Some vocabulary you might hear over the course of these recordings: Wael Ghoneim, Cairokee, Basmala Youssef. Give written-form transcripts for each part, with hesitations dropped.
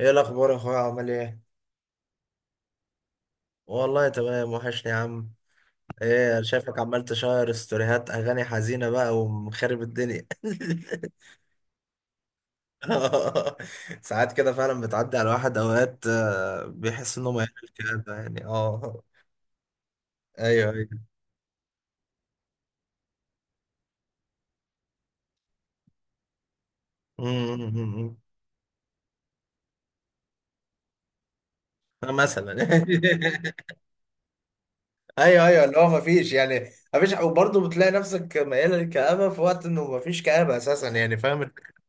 ايه الاخبار يا اخويا عامل ايه؟ والله تمام وحشني يا عم. ايه أنا شايفك عمال تشير ستوريهات اغاني حزينه بقى ومخرب الدنيا. ساعات كده فعلا بتعدي على واحد اوقات، بيحس انه ما يعمل كده يعني. اه، ايوه، ايوه. أمم. مثلا. ايوه، ايوه، اللي هو ما فيش يعني. ما فيش، وبرضه بتلاقي نفسك ميال للكآبه في وقت انه ما فيش كآبه اساسا، يعني فاهم الفكرة؟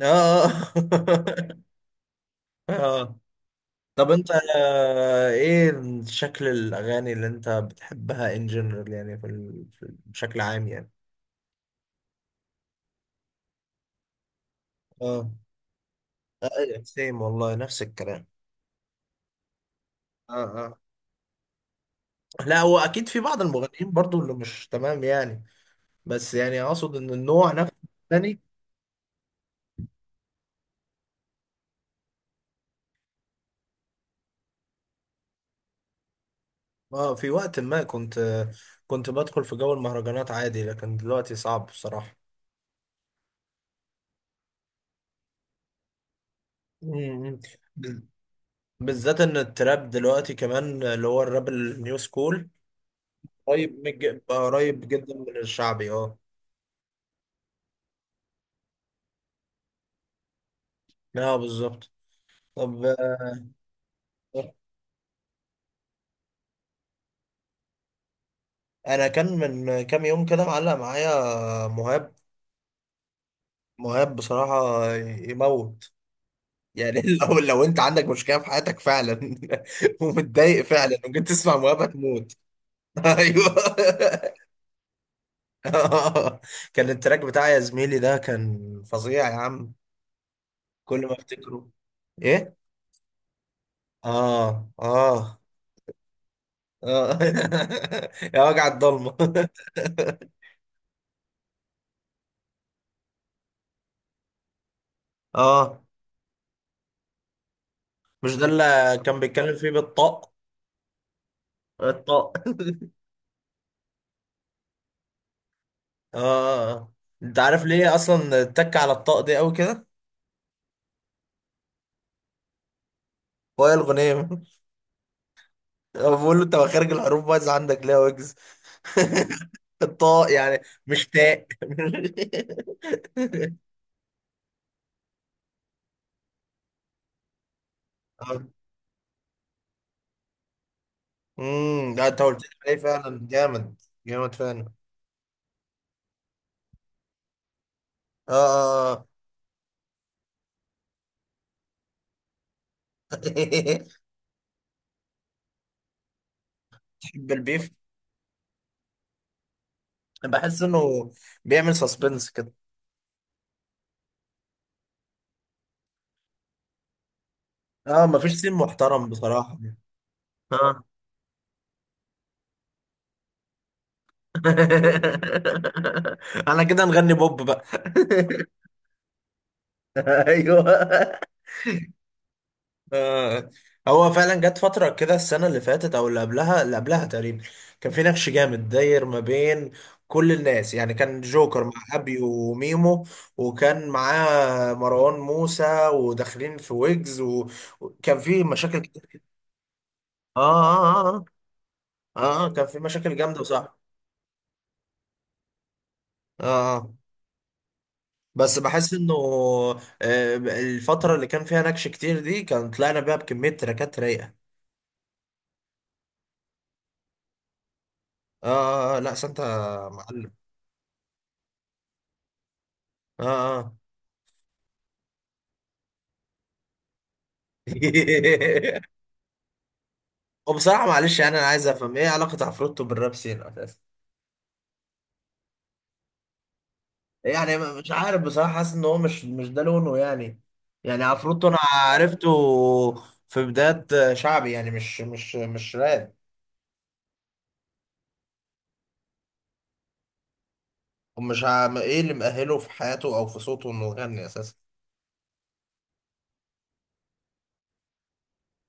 اه. اه. طب انت، ايه شكل الاغاني اللي انت بتحبها ان جنرال، يعني بشكل عام يعني. اه، ايوه، سيم والله، نفس الكلام. اه، اه، لا، هو اكيد في بعض المغنيين برضو اللي مش تمام يعني. بس يعني اقصد ان النوع نفسه تاني. اه، في وقت ما كنت بدخل في جو المهرجانات عادي، لكن دلوقتي صعب بصراحة. مم. بز- بالذات ان التراب دلوقتي كمان اللي هو الراب النيو سكول قريب قريب جدا من الشعبي. اه، اه، بالظبط. طب، انا كان من كام يوم كده معلق معايا مهاب. مهاب بصراحة يموت يعني. لو انت عندك مشكلة في حياتك فعلا، ومتضايق فعلا، وجيت تسمع مهاب، هتموت. ايوه. كان التراك بتاع يا زميلي ده كان فظيع يا عم. كل ما افتكره. ايه؟ اه، اه، اه. يا وجع الضلمة. اه، مش ده اللي كان بيتكلم فيه بالطاق؟ الطاق. اه، انت عارف ليه اصلا اتك على الطاق دي قوي كده؟ وائل غنيم. هو بيقول له انت مخارج الحروف بايظ عندك ليه يا ويجز. الطاق يعني، مش تاء. آه. امم، لا، انت قلت لي فعلا جامد جامد فعلا. اه، آه، آه. تحب البيف. بحس انه بيعمل سسبنس كده. اه، مفيش سين محترم بصراحة. اه. انا كده نغني بوب بقى. ايوه. آه، هو فعلا جت فترة كده السنة اللي فاتت أو اللي قبلها، اللي قبلها تقريبا، كان في نقش جامد داير ما بين كل الناس، يعني كان جوكر مع أبي وميمو، وكان معاه مروان موسى، وداخلين في ويجز وكان في مشاكل كتير. آه، آه، آه، آه، كان في مشاكل جامدة وصح. آه، آه. بس بحس انه، الفترة اللي كان فيها نكش كتير دي كان طلعنا بيها بكمية تراكات رايقة. اه، آه، آه، لا، سانتا معلم. اه، اه. وبصراحة معلش يعني، انا عايز افهم ايه علاقة عفروتو بالراب سين اساسا. يعني مش عارف بصراحة، حاسس ان هو مش ده لونه يعني. يعني عفروتو انا عرفته في بداية شعبي، يعني مش راب. ايه اللي مأهله في حياته او في صوته انه يغني اساسا؟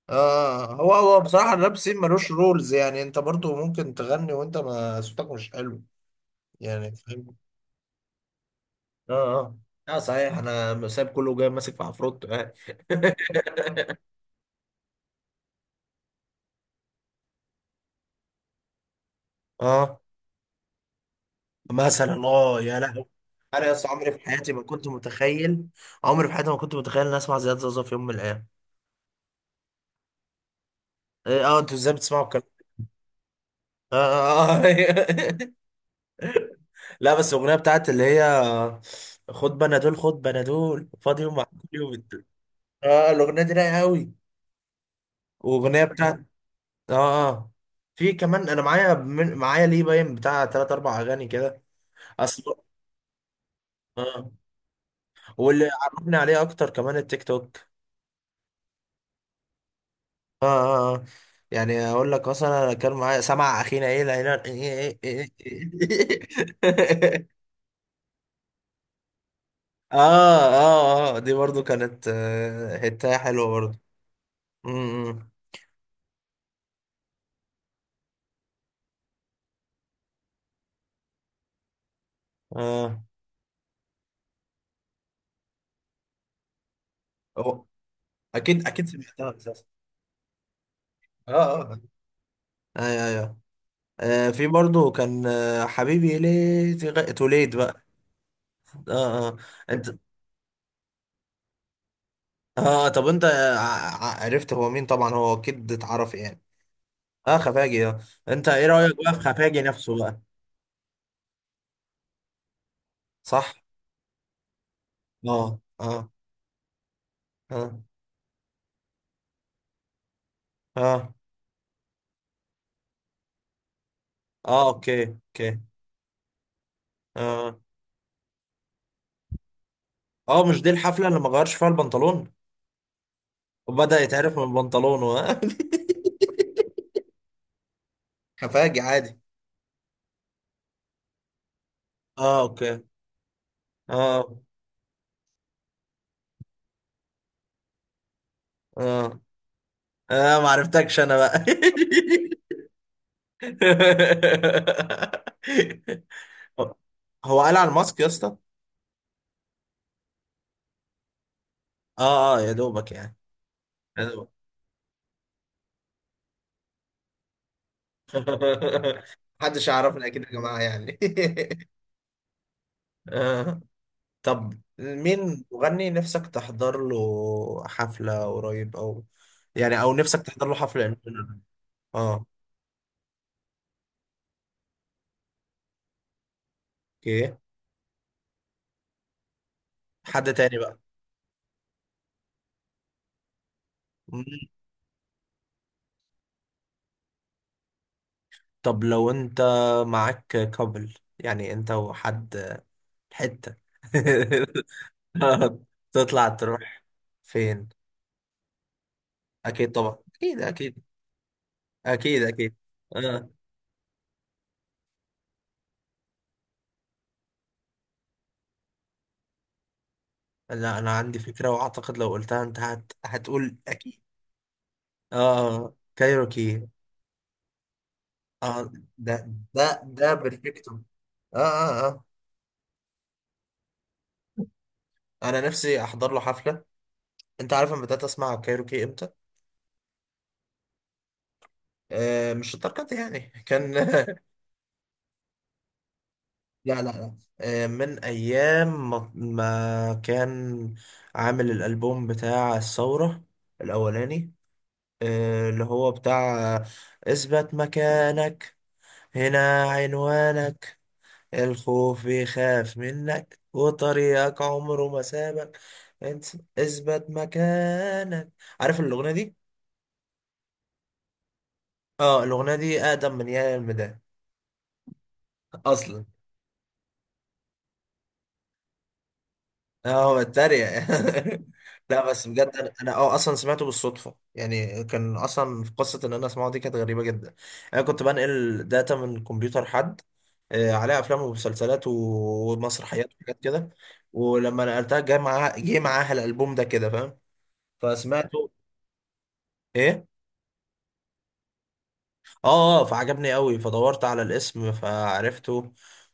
هو بصراحة الراب سين ملوش رولز، يعني انت برضو ممكن تغني وانت ما صوتك مش حلو. يعني فاهم. اه، اه، اه، صحيح، انا سايب كله جاي ماسك في عفروتو يعني. اه، مثلا. اه، يا لهوي. انا يا اسطى عمري في حياتي ما كنت متخيل، عمري في حياتي ما كنت متخيل اني اسمع زياد زازا في يوم من الايام. إيه، اه، انتوا ازاي بتسمعوا الكلام؟ آه، آه، آه. لا، بس الاغنيه بتاعت اللي هي خد بنادول، خد بنادول، فاضي يوم مع كل يوم الدول. اه، الاغنيه دي رايقه قوي، واغنيه بتاعت. اه، اه، في كمان انا معايا معايا ليه باين بتاع 3 4 اغاني كده. اصل. اه، واللي عرفني عليه اكتر كمان التيك توك. اه، اه، آه. يعني اقول لك مثلا، انا كان معايا سمع اخينا ايه العيلة إيه إيه إيه. اه، اه، اه، دي برضو كانت، حتة حلوة برضو. امم. اه. أو- اكيد اكيد سمعتها اساسا. اه، اه، ايوه، ايوه. في برضو كان، حبيبي ليه توليد بقى. اه، اه، انت. اه، طب انت، عرفت هو مين طبعا، هو اكيد اتعرف يعني. اه، خفاجي. اه، انت ايه رأيك بقى في خفاجي نفسه بقى؟ صح. اه، اه، اه، اه، اه، اوكي، اوكي. اه، اه، مش دي الحفلة اللي ما غيرش فيها البنطلون، وبدأ يتعرف من بنطلونه؟ آه. خفاجي عادي. اه، اوكي. اه، اه، اه، ما عرفتكش انا بقى. هو قال على الماسك يا اسطى. اه، اه، يا دوبك يعني. أنا- محدش يعرفنا اكيد يا جماعة يعني. آه. طب، مين مغني نفسك تحضر له حفلة قريب، او يعني، او نفسك تحضر له حفلة امتى؟ اه، اوكي. حد تاني بقى. مم. طب لو انت معاك كابل يعني، انت وحد حتة، تطلع تروح فين؟ اكيد طبعا، اكيد، اكيد، اكيد، اكيد. آه. لا، انا عندي فكرة، واعتقد لو قلتها انت هتقول اكيد. اه، كايروكي. اه، ده ده بيرفكتو. اه، اه، اه، انا نفسي احضر له حفلة. انت عارف انا بدأت اسمع كايروكي امتى؟ آه، مش الدرجة دي يعني، كان. لا، لا، لا، آه، من ايام ما كان عامل الالبوم بتاع الثورة الاولاني، آه، اللي هو بتاع اثبت مكانك، هنا عنوانك، الخوف بيخاف منك، وطريقك عمره ما سابك، انت اثبت مكانك. عارف الاغنيه دي؟ اه، الاغنيه دي اقدم من يا الميدان اصلا. اه، هو اتريق. لا، بس بجد انا اصلا سمعته بالصدفه يعني. كان اصلا في قصه ان انا اسمعه دي كانت غريبه جدا. انا كنت بنقل داتا من كمبيوتر حد، عليها افلام ومسلسلات ومسرحيات وحاجات كده، ولما نقلتها جه معاها الالبوم ده، كده فاهم. فسمعته ايه. اه، فعجبني قوي، فدورت على الاسم فعرفته.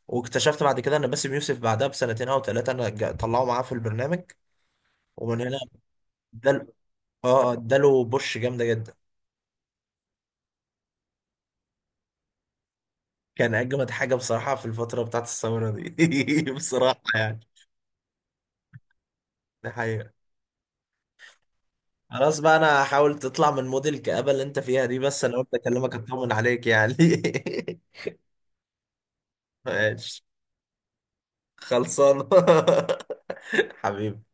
واكتشفت بعد كده ان باسم يوسف بعدها 2 أو 3، انا طلعوا معاه في البرنامج. ومن هنا. ادال. اه، اداله بوش جامده جدا. كان اجمد حاجه بصراحه في الفتره بتاعت الثوره دي، بصراحه يعني. دي حقيقه. خلاص بقى، انا حاول تطلع من موديل الكآبة اللي انت فيها دي، بس انا قلت اكلمك اطمن عليك يعني. ماشي، خلصان. حبيبي.